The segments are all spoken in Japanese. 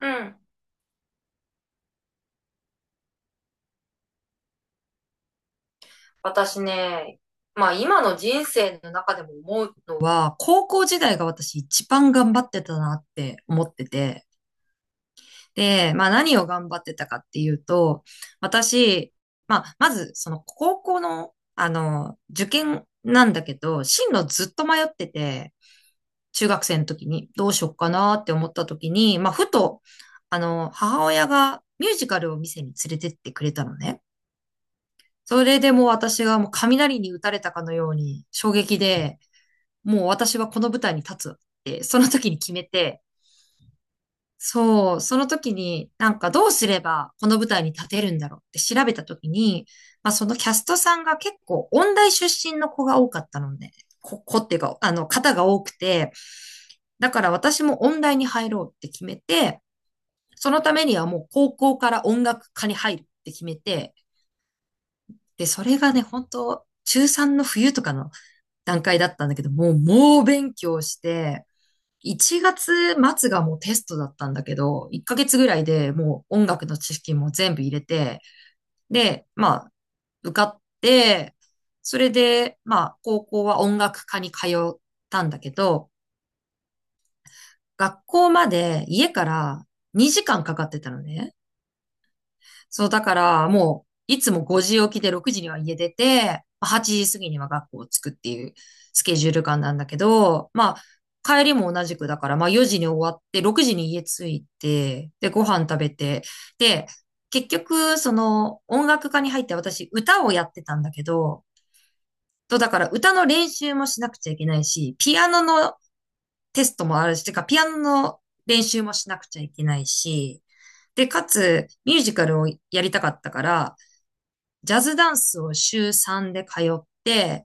うん。私ね、まあ今の人生の中でも思うのは、高校時代が私一番頑張ってたなって思ってて、で、まあ何を頑張ってたかっていうと、私、まあまずその高校の、受験なんだけど、進路ずっと迷ってて、中学生の時にどうしよっかなって思った時に、まあふと、母親がミュージカルを見せに連れてってくれたのね。それでもう私がもう雷に打たれたかのように衝撃で、もう私はこの舞台に立つってその時に決めて、そう、その時になんかどうすればこの舞台に立てるんだろうって調べた時に、まあそのキャストさんが結構音大出身の子が多かったので、子っていうか、方が多くて、だから私も音大に入ろうって決めて、そのためにはもう高校から音楽科に入るって決めて、で、それがね、本当中3の冬とかの段階だったんだけど、もう猛勉強して、1月末がもうテストだったんだけど、1ヶ月ぐらいでもう音楽の知識も全部入れて、で、まあ、受かって、それで、まあ、高校は音楽科に通ったんだけど、学校まで家から2時間かかってたのね。そう、だから、もう、いつも5時起きで6時には家出て、8時過ぎには学校を着くっていうスケジュール感なんだけど、まあ、帰りも同じくだから、まあ4時に終わって、6時に家着いて、で、ご飯食べて、で、結局、その、音楽科に入って私、歌をやってたんだけど、だから歌の練習もしなくちゃいけないし、ピアノのテストもあるし、てか、ピアノの練習もしなくちゃいけないし、で、かつ、ミュージカルをやりたかったから、ジャズダンスを週3で通って、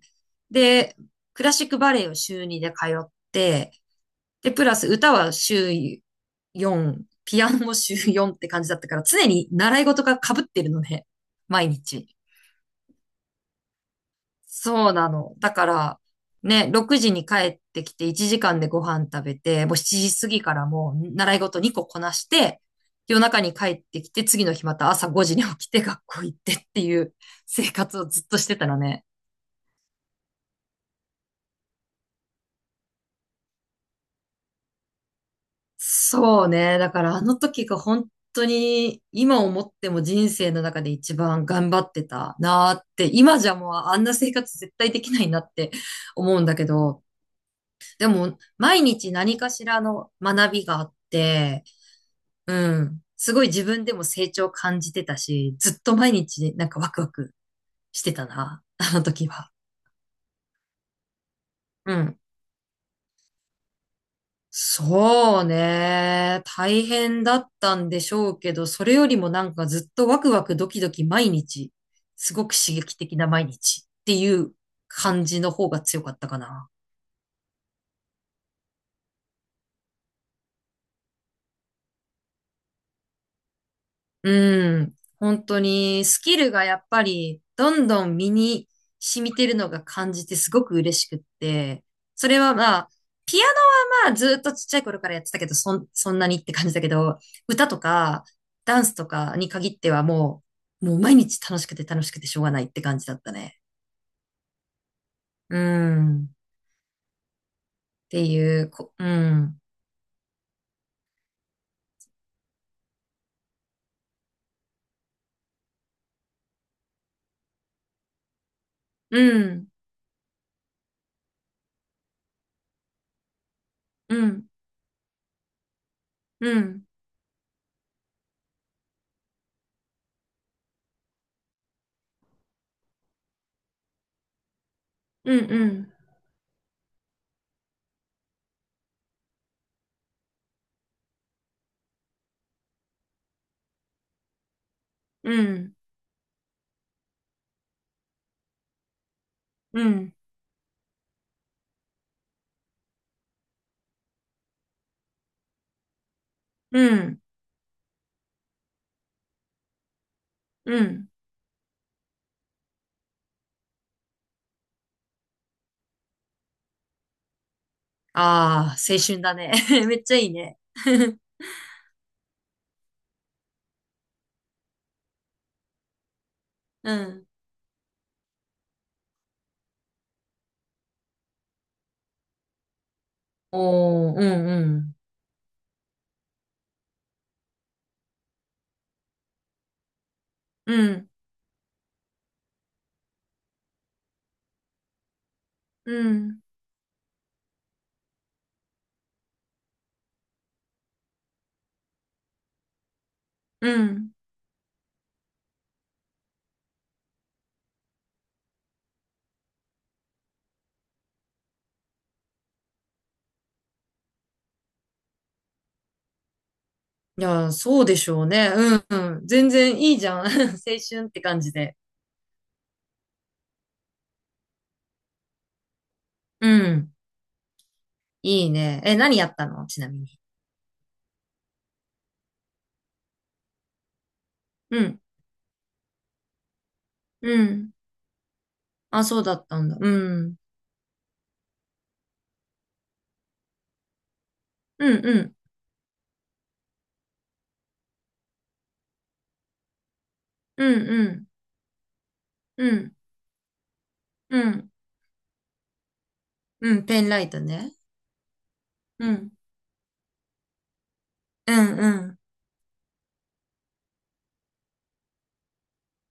で、クラシックバレエを週2で通って、で、プラス歌は週4、ピアノも週4って感じだったから、常に習い事が被ってるのね。毎日。そうなの。だから、ね、6時に帰ってきて1時間でご飯食べて、もう7時過ぎからもう習い事2個こなして、夜中に帰ってきて、次の日また朝5時に起きて学校行ってっていう生活をずっとしてたのね。そうね。だからあの時が本当に今思っても人生の中で一番頑張ってたなーって、今じゃもうあんな生活絶対できないなって 思うんだけど、でも毎日何かしらの学びがあって、うん、すごい自分でも成長感じてたし、ずっと毎日なんかワクワクしてたな、あの時は。うん。そうね。大変だったんでしょうけど、それよりもなんかずっとワクワクドキドキ毎日、すごく刺激的な毎日っていう感じの方が強かったかな。うん。本当にスキルがやっぱりどんどん身に染みてるのが感じてすごく嬉しくって。それはまあ、ピアノはまあずっとちっちゃい頃からやってたけど、そんなにって感じだけど、歌とかダンスとかに限ってはもう毎日楽しくて楽しくてしょうがないって感じだったね。うん。っていう、うん。うん。うん。うん。うん。うん。うん。うん。うん。うん。ああ、青春だね。めっちゃいいね。うん。おー、うんうん。うん。うん。うん。いや、そうでしょうね。うん。うん全然いいじゃん。青春って感じで。うん。いいね。え、何やったのちなみに。うん。うん。あ、そうだったんだ。うん。うん、うん。うん、うん。うん。うん。うん。ペンライトね。うん。うん、うん。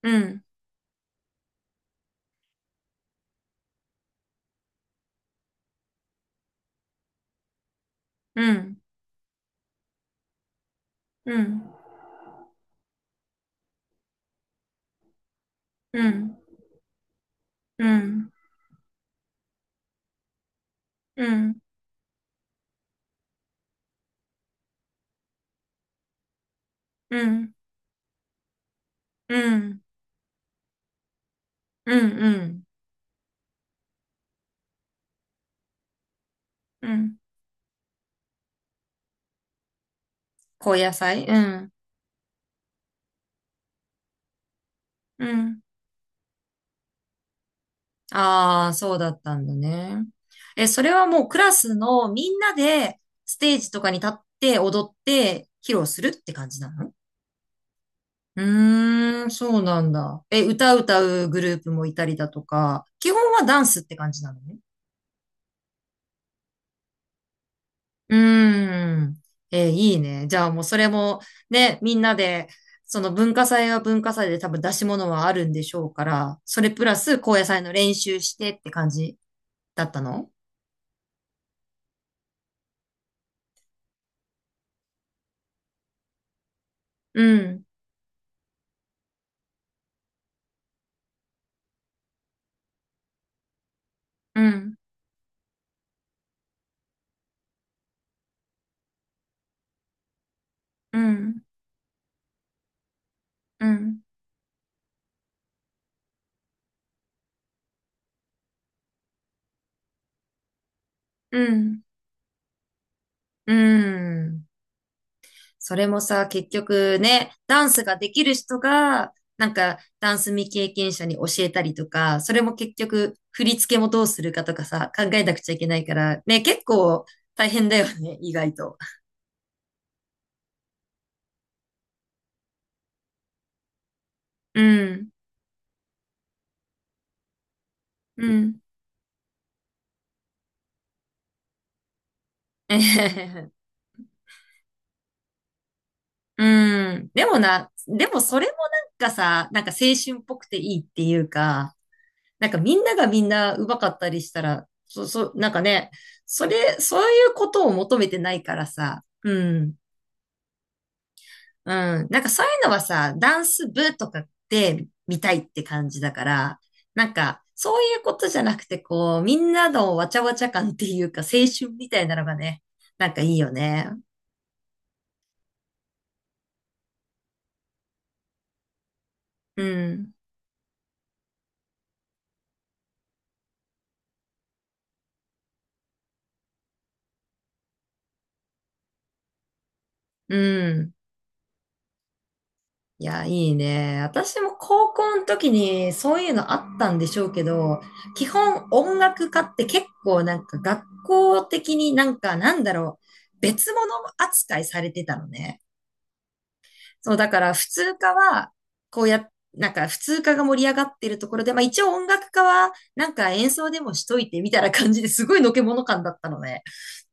うん。うん。うん。うん。うん。うん。うん。うん。うんうんうん。うん。高野菜うん。うん。ああ、そうだったんだね。え、それはもうクラスのみんなでステージとかに立って踊って披露するって感じなの？うーん、そうなんだ。え、歌歌うグループもいたりだとか、基本はダンスって感じなのね。うーん。えーいいね。じゃあもうそれもね、みんなで、その文化祭は文化祭で多分出し物はあるんでしょうから、それプラス高野祭の練習してって感じだったの？うん、うん、うん、うん、うん、うん。それもさ、結局ね、ダンスができる人が、なんか、ダンス未経験者に教えたりとか、それも結局、振り付けもどうするかとかさ、考えなくちゃいけないから、ね、結構大変だよね、意外と。うん、うん。えへへへうん。でもな、でもそれもなんかさ、なんか青春っぽくていいっていうか、なんかみんながみんな上手かったりしたら、なんかね、そういうことを求めてないからさ、うん。うん。なんかそういうのはさ、ダンス部とかって見たいって感じだから、なんかそういうことじゃなくて、こう、みんなのわちゃわちゃ感っていうか、青春みたいなのがね、なんかいいよね。うん。うん。いや、いいね。私も高校の時にそういうのあったんでしょうけど、基本音楽家って結構なんか学校的になんかなんだろう、別物扱いされてたのね。そう、だから普通科は、こうや、なんか普通科が盛り上がってるところで、まあ一応音楽科は、なんか演奏でもしといてみたいな感じですごいのけもの感だったのね。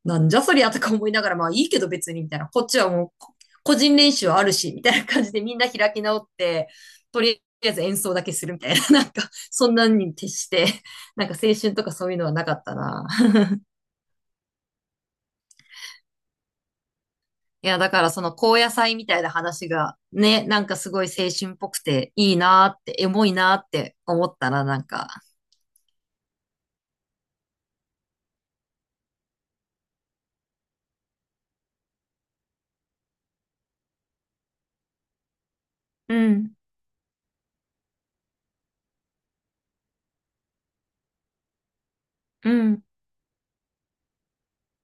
なんじゃそりゃとか思いながら、まあいいけど別にみたいな、こっちはもう個人練習あるし、みたいな感じでみんな開き直って、とりあえず演奏だけするみたいな、なんかそんなんに徹して、なんか青春とかそういうのはなかったな。いや、だからその高野菜みたいな話がね、なんかすごい青春っぽくていいなーって、エモいなーって思ったらなんか、うん、うん。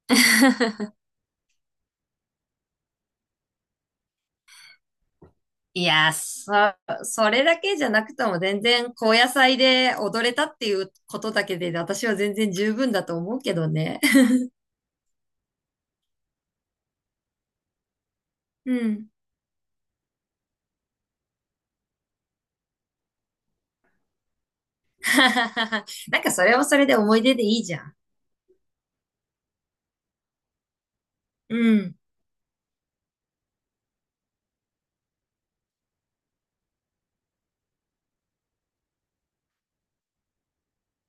いや、それだけじゃなくとも全然高野菜で踊れたっていうことだけで私は全然十分だと思うけどね。うん。なんかそれはそれで思い出でいいじゃん。うん。